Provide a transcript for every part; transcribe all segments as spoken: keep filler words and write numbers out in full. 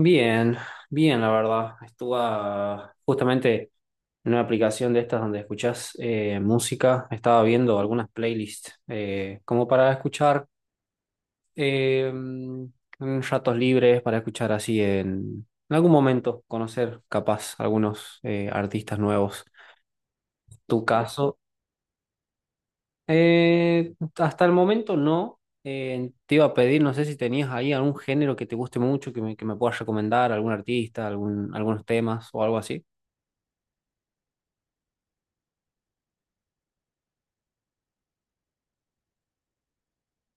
Bien, bien, la verdad. Estuve ah, justamente en una aplicación de estas donde escuchás eh, música. Estaba viendo algunas playlists eh, como para escuchar eh, mm, en ratos libres, para escuchar así en, en algún momento, conocer capaz algunos eh, artistas nuevos. Tu caso, eh, hasta el momento no. Eh, te iba a pedir, no sé si tenías ahí algún género que te guste mucho, que me, que me puedas recomendar, algún artista, algún, algunos temas o algo así.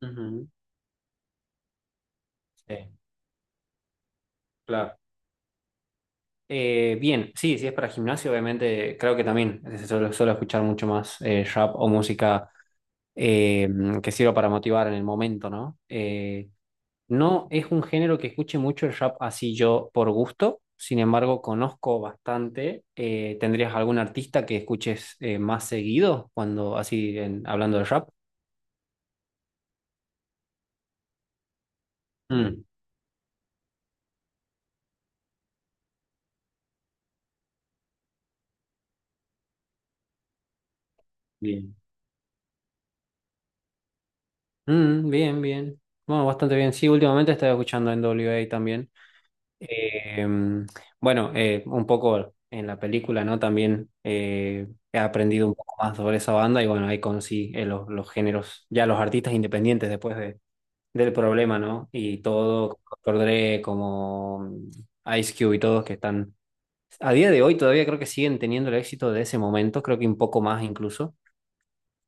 Ujú. Sí. Claro. Eh, bien, sí, si es para gimnasio, obviamente creo que también eh, suelo, suelo escuchar mucho más eh, rap o música eh, que sirva para motivar en el momento, ¿no? Eh, no es un género que escuche mucho el rap así yo por gusto, sin embargo conozco bastante. Eh, ¿tendrías algún artista que escuches eh, más seguido cuando así en- hablando de rap? Mm, bien. Mm, bien, bien. Bueno, bastante bien. Sí, últimamente estaba escuchando en W A también. Eh, bueno, eh, un poco en la película, ¿no? También eh, he aprendido un poco más sobre esa banda y bueno, ahí conocí eh, los, los géneros, ya los artistas independientes después de, del problema, ¿no? Y todo, como doctor Dre, como mm, Ice Cube y todos que están, a día de hoy todavía creo que siguen teniendo el éxito de ese momento, creo que un poco más incluso.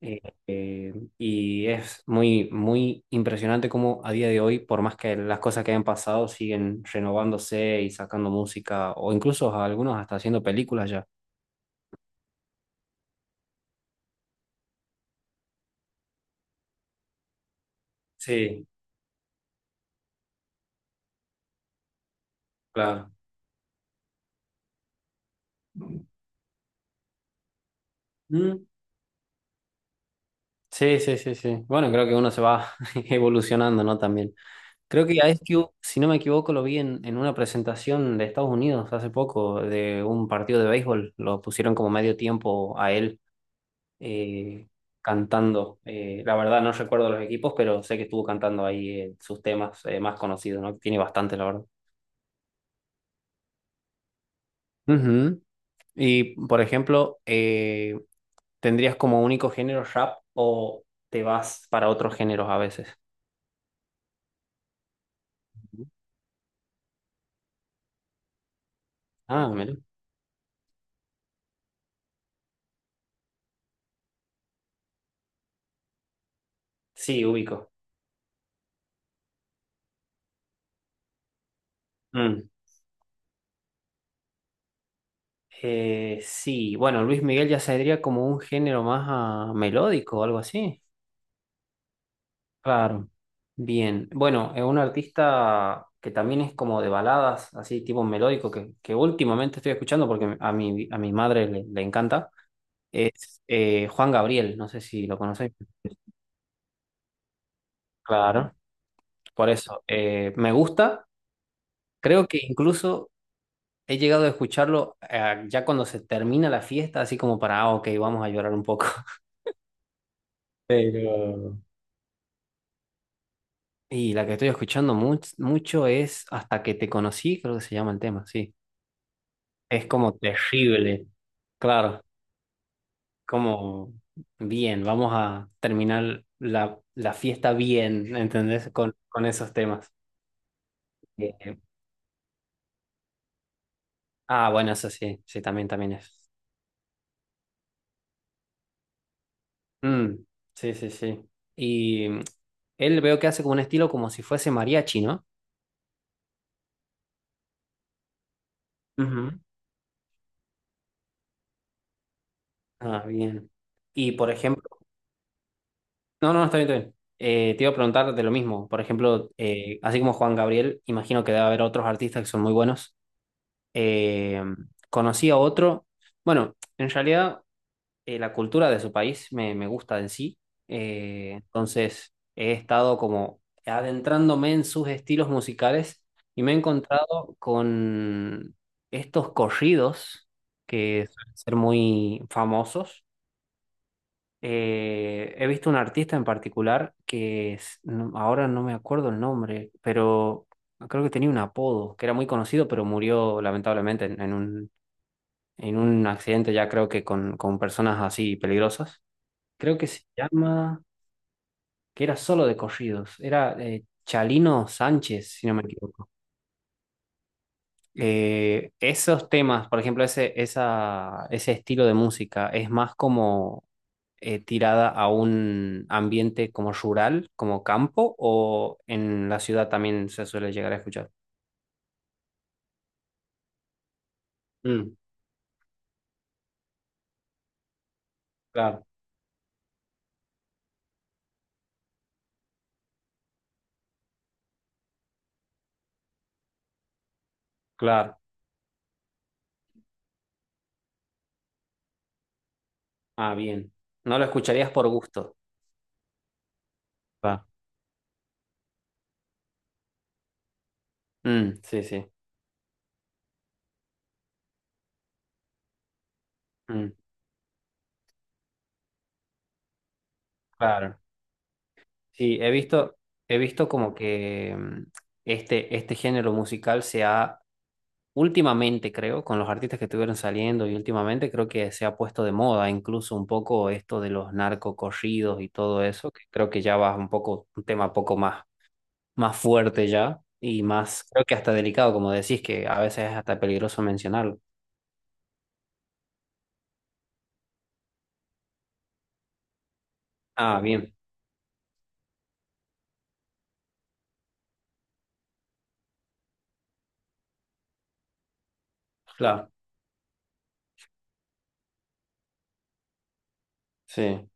Eh, eh, y es muy, muy impresionante cómo a día de hoy, por más que las cosas que hayan pasado, siguen renovándose y sacando música, o incluso algunos hasta haciendo películas ya. Sí, claro. Mm, sí, sí, sí, sí. Bueno, creo que uno se va evolucionando, ¿no? También. Creo que a Ice Cube, si no me equivoco, lo vi en, en una presentación de Estados Unidos hace poco, de un partido de béisbol. Lo pusieron como medio tiempo a él eh, cantando. Eh, la verdad no recuerdo los equipos, pero sé que estuvo cantando ahí eh, sus temas eh, más conocidos, ¿no? Tiene bastante, la verdad. Ujú. Y, por ejemplo, eh, ¿tendrías como único género rap o te vas para otros géneros a veces? Ah, mira. Sí, ubico. Mm. Eh, sí, bueno, Luis Miguel ya sería como un género más ah, melódico o algo así. Claro. Bien. Bueno, es un artista que también es como de baladas, así tipo melódico, que, que últimamente estoy escuchando porque a mi, a mi madre le, le encanta. Es eh, Juan Gabriel, no sé si lo conocéis. Claro, por eso. Eh, me gusta. Creo que incluso he llegado a escucharlo eh, ya cuando se termina la fiesta, así como para, ah, ok, vamos a llorar un poco. Pero... Y la que estoy escuchando much- mucho es Hasta que te conocí, creo que se llama el tema, sí. Es como terrible. Claro, como bien, vamos a terminar la, la fiesta bien, ¿entendés? Con, con esos temas. Eh, ah, bueno, eso sí, sí, también, también es. Mm, sí, sí, sí. Y mm, él veo que hace como un estilo como si fuese mariachi, ¿no? Ujú. Ah, bien. Y por ejemplo, no, no, está bien, está bien. Eh, te iba a preguntar de lo mismo. Por ejemplo, eh, así como Juan Gabriel, imagino que debe haber otros artistas que son muy buenos. Eh, Conocí a otro, bueno, en realidad eh, la cultura de su país me, me gusta en sí. Eh, entonces he estado como adentrándome en sus estilos musicales y me he encontrado con estos corridos que suelen ser muy famosos. Eh, he visto un artista en particular que es- no- ahora no me acuerdo el nombre, pero creo que tenía un apodo que era muy conocido, pero murió lamentablemente en, en un en un accidente ya creo que con, con personas así peligrosas. Creo que se llama, que era solo de corridos, era eh, Chalino Sánchez, si no me equivoco. Eh, esos temas, por ejemplo, ese, esa, ese estilo de música es más como eh, tirada a un ambiente como rural, como campo, o en la ciudad también se suele llegar a escuchar. Mm, claro, claro. Ah, bien. No lo escucharías por gusto. Va. Mm, sí, sí. Mm, claro. Sí, he visto, he visto como que mm, este, este género musical se ha, últimamente creo, con los artistas que estuvieron saliendo y últimamente creo que se ha puesto de moda incluso un poco esto de los narcocorridos y todo eso, que creo que ya va un poco, un tema poco más, más fuerte ya y más, creo que hasta delicado, como decís, que a veces es hasta peligroso mencionarlo. Ah, bien, claro, sí,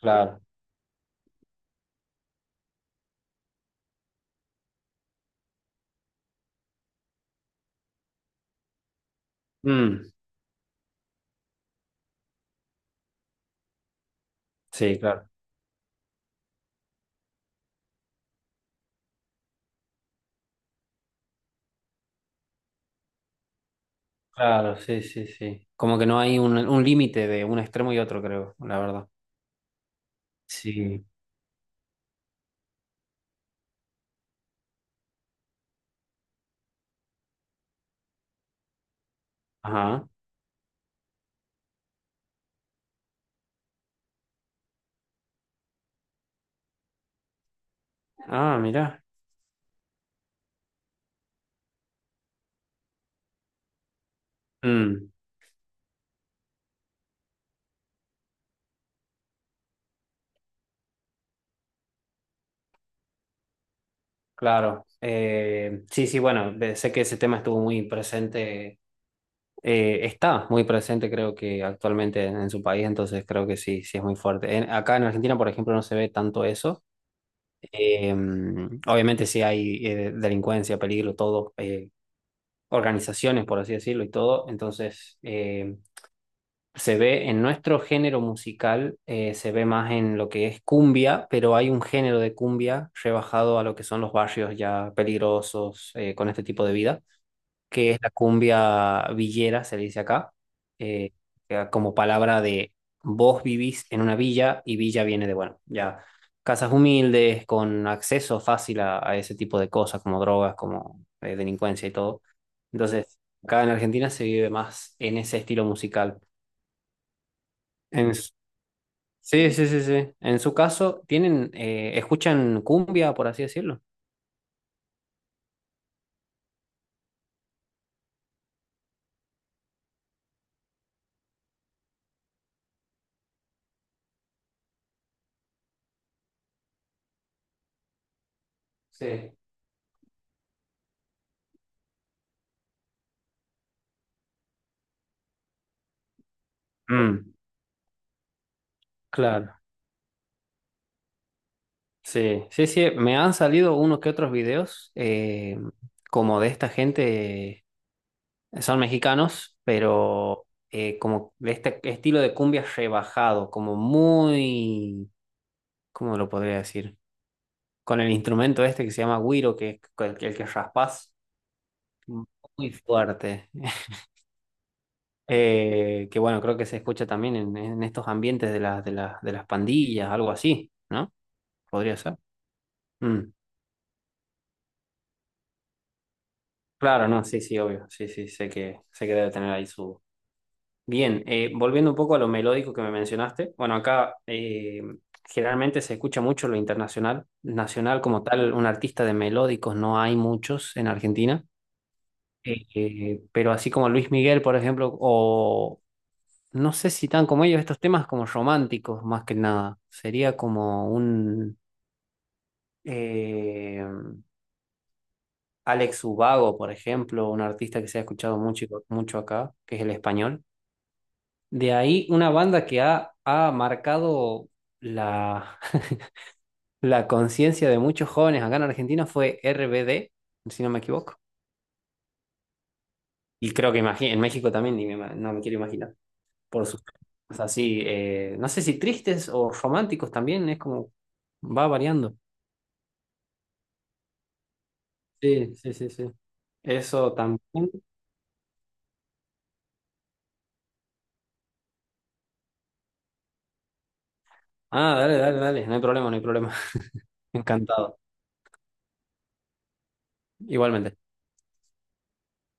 claro. Mm, sí, claro. Claro, sí, sí, sí. Como que no hay un, un límite de un extremo y otro, creo, la verdad. Sí. Ajá. Ah, mira. Mm, claro. Eh, sí, sí, bueno, de- sé que ese tema estuvo muy presente, eh, está muy presente, creo que actualmente en, en su país, entonces creo que sí, sí es muy fuerte. En- acá en Argentina, por ejemplo, no se ve tanto eso. Eh, Obviamente sí hay eh, delincuencia, peligro, todo, eh, organizaciones, por así decirlo, y todo. Entonces... eh, se ve en nuestro género musical, eh, se ve más en lo que es cumbia, pero hay un género de cumbia rebajado a lo que son los barrios ya peligrosos eh, con este tipo de vida, que es la cumbia villera, se le dice acá, eh, que como palabra de vos vivís en una villa y villa viene de, bueno, ya casas humildes, con acceso fácil a, a ese tipo de cosas, como drogas, como eh, delincuencia y todo. Entonces, acá en Argentina se vive más en ese estilo musical. En sí, sí, sí, sí. En su caso, tienen, eh, escuchan cumbia, por así decirlo. Sí. Mm, claro. Sí, sí, sí. Me han salido unos que otros videos, eh, como de esta gente, eh, son mexicanos, pero eh, como de este estilo de cumbia rebajado, como muy, ¿cómo lo podría decir? Con el instrumento este que se llama güiro, que es el, el que raspás, muy fuerte. Eh, que bueno, creo que se escucha también en, en estos ambientes de las, de las, de las pandillas, algo así, ¿no? Podría ser. Mm. Claro, no, sí, sí, obvio. Sí, sí, sé que, sé que debe tener ahí su. Bien, eh, volviendo un poco a lo melódico que me mencionaste. Bueno, acá eh, generalmente se escucha mucho lo internacional. Nacional como tal, un artista de melódicos no hay muchos en Argentina. Eh, eh, pero así como Luis Miguel, por ejemplo, o, no sé si tan como ellos, estos temas como románticos, más que nada. Sería como un eh, Alex Ubago, por ejemplo, un artista que se ha escuchado mucho, mucho acá, que es el español. De ahí una banda que ha, ha marcado la, la conciencia de muchos jóvenes acá en Argentina fue R B D, si no me equivoco. Y creo que imagi- en México también, ni me ima- no me quiero imaginar, por sus temas así, eh, no sé si tristes o románticos también, es como va variando. Sí, sí, sí, sí. Eso también. Ah, dale, dale, dale. No hay problema, no hay problema. Encantado. Igualmente.